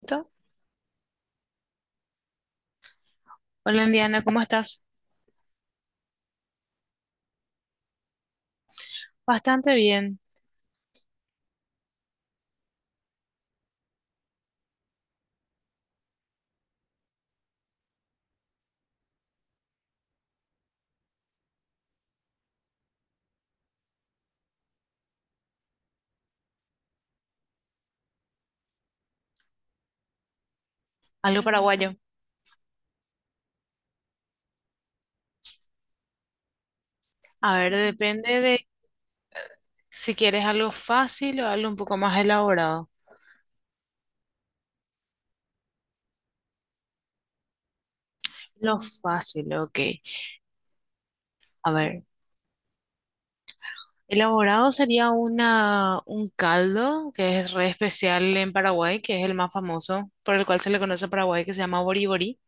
Perfecto. Hola, Indiana, ¿cómo estás? Bastante bien. Algo paraguayo. A ver, depende de si quieres algo fácil o algo un poco más elaborado. Lo fácil, ok. A ver, elaborado sería un caldo que es re especial en Paraguay, que es el más famoso, por el cual se le conoce a Paraguay, que se llama boriborí,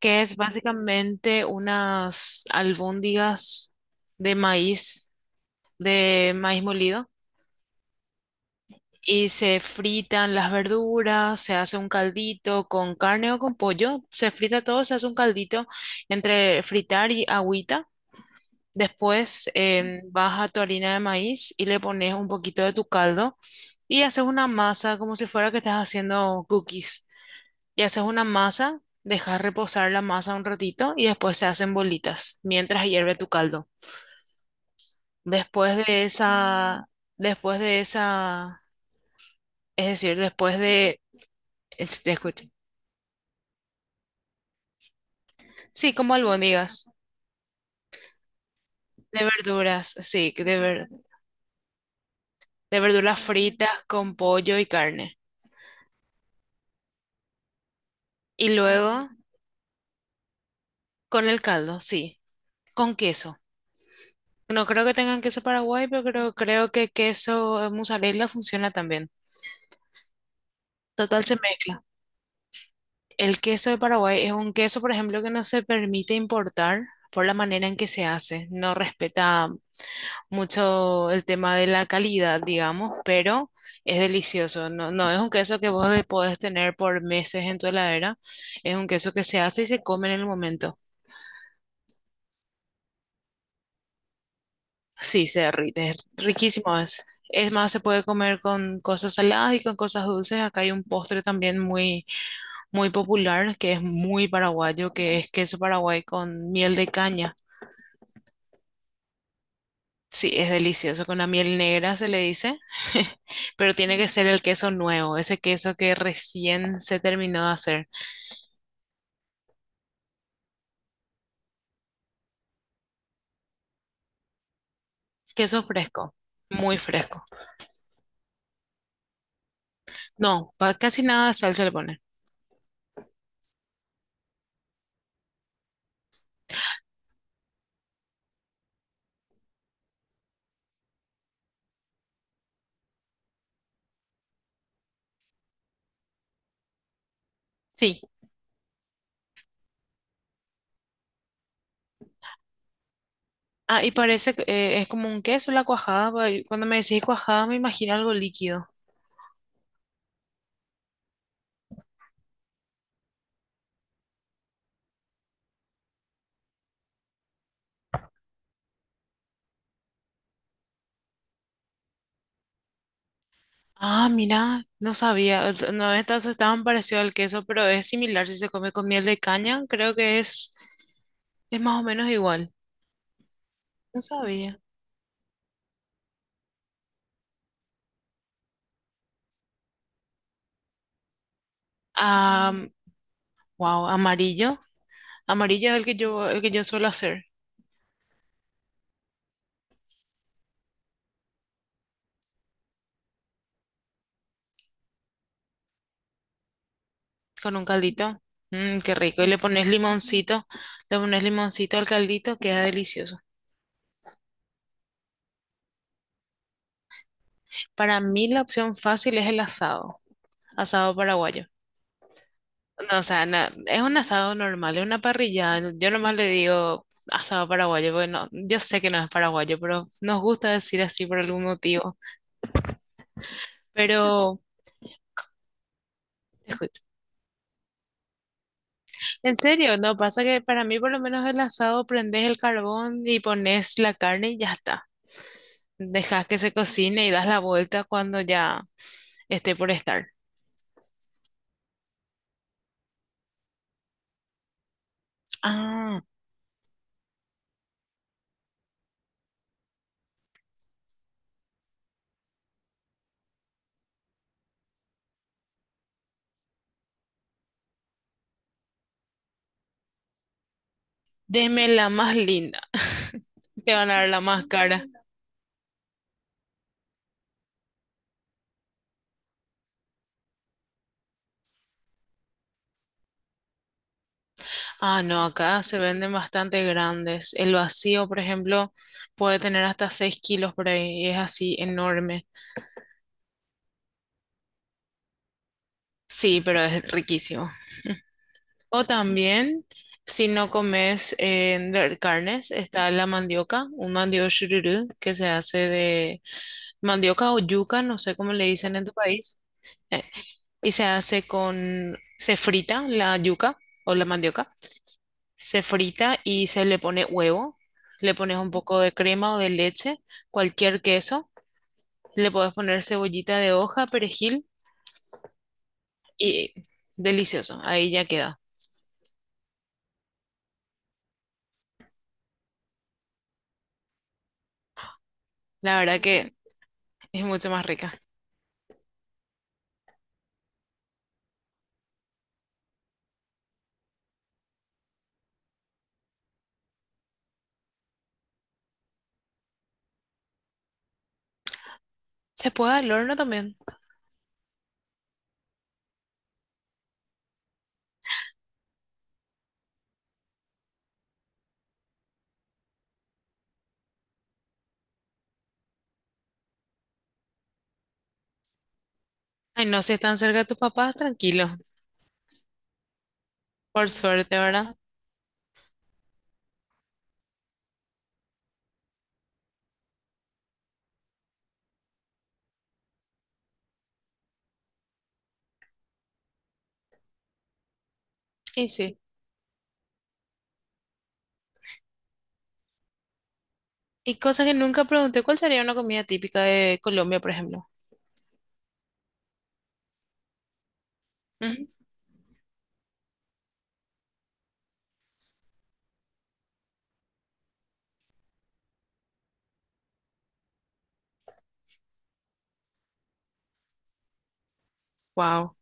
que es básicamente unas albóndigas de maíz, de maíz molido. Y se fritan las verduras, se hace un caldito con carne o con pollo, se frita todo, se hace un caldito entre fritar y agüita. Después vas a tu harina de maíz y le pones un poquito de tu caldo y haces una masa como si fuera que estás haciendo cookies. Y haces una masa, dejas reposar la masa un ratito y después se hacen bolitas mientras hierve tu caldo. Después de esa, después de esa, es decir, después de, es- Te escucho. Sí, como albóndigas de verduras, sí, de verduras fritas con pollo y carne. Y luego con el caldo, sí, con queso. No creo que tengan queso Paraguay, pero creo que queso mozzarella funciona también. Total, se mezcla. El queso de Paraguay es un queso, por ejemplo, que no se permite importar por la manera en que se hace. No respeta mucho el tema de la calidad, digamos, pero es delicioso. No, no es un queso que podés tener por meses en tu heladera, es un queso que se hace y se come en el momento. Sí, se derrite, es riquísimo. Es más, se puede comer con cosas saladas y con cosas dulces. Acá hay un postre también muy, muy popular que es muy paraguayo, que es queso paraguay con miel de caña. Sí, es delicioso. Con la miel negra se le dice, pero tiene que ser el queso nuevo, ese queso que recién se terminó de hacer. Queso fresco, muy fresco. No, casi nada de sal se le pone. Sí. Ah, y parece que es como un queso la cuajada. Cuando me decís cuajada me imagino algo líquido. Ah, mira, no sabía. O sea, no, estas estaban parecido al queso, pero es similar si se come con miel de caña. Es más o menos igual. No sabía. Ah, wow, amarillo. Amarillo es el que yo suelo hacer con un caldito. Mm, qué rico. Y le pones limoncito al caldito, queda delicioso. Para mí la opción fácil es el asado, asado paraguayo. No, o sea, no, es un asado normal, es una parrilla. Yo nomás le digo asado paraguayo, porque yo sé que no es paraguayo, pero nos gusta decir así por algún motivo. Pero, escucha, en serio, no pasa que para mí por lo menos el asado prendes el carbón y pones la carne y ya está. Dejas que se cocine y das la vuelta cuando ya esté por estar. Ah, deme la más linda. Te van a dar la más cara. Ah, no, acá se venden bastante grandes. El vacío, por ejemplo, puede tener hasta 6 kilos por ahí. Y es así enorme. Sí, pero es riquísimo. O también, si no comes carnes, está la mandioca, un mandioca shururu que se hace de mandioca o yuca, no sé cómo le dicen en tu país. Y se frita la yuca o la mandioca, se frita y se le pone huevo, le pones un poco de crema o de leche, cualquier queso, le puedes poner cebollita de hoja, perejil y delicioso, ahí ya queda. La verdad que es mucho más rica. Se puede al horno también. Ay, no, si están cerca de tus papás, tranquilo, por suerte, ¿verdad? Y sí. Y cosas que nunca pregunté, ¿cuál sería una comida típica de Colombia, por ejemplo? Wow.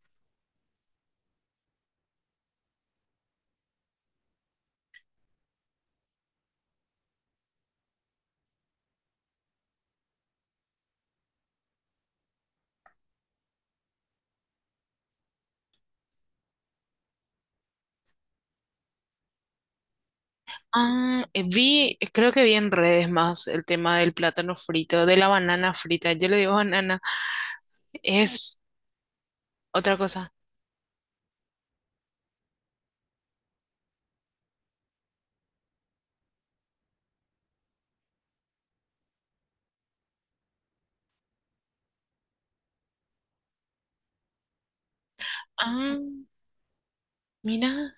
Ah, vi, creo que vi en redes más el tema del plátano frito, de la banana frita. Yo le digo banana, es otra cosa. Ah, mira,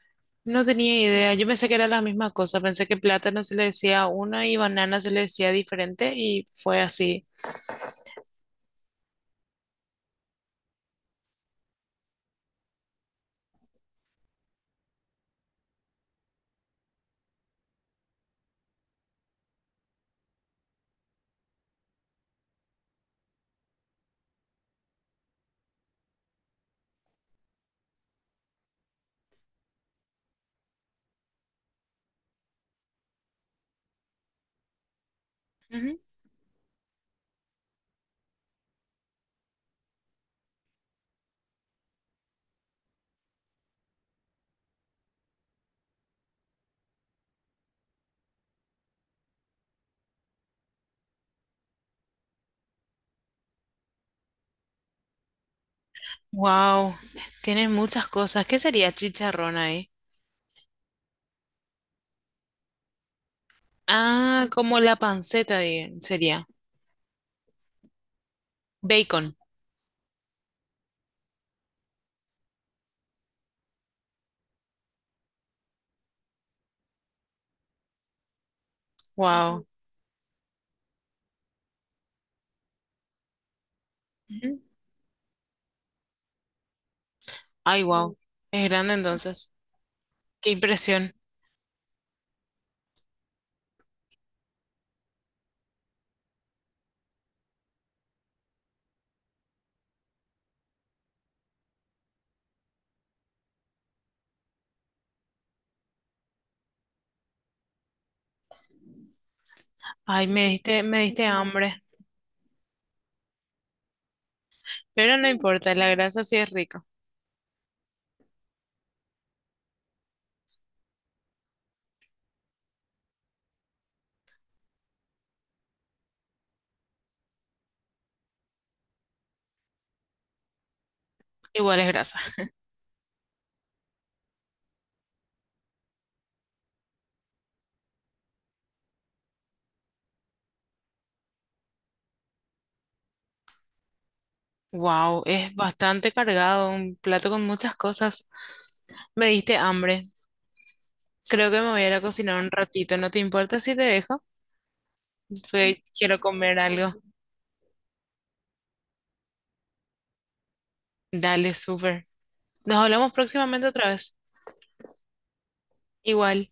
no tenía idea. Yo pensé que era la misma cosa. Pensé que plátano se le decía a uno y banana se le decía diferente y fue así. Wow, tienes muchas cosas. ¿Qué sería chicharrón ahí? Ah, como la panceta sería. Bacon. Wow. Ay, wow. Es grande entonces. Qué impresión. Ay, me diste hambre. Pero no importa, la grasa sí es rica. Igual es grasa. Wow, es bastante cargado, un plato con muchas cosas. Me diste hambre. Creo que me voy a ir a cocinar un ratito. ¿No te importa si te dejo? Porque quiero comer algo. Dale, súper. Nos hablamos próximamente otra vez. Igual.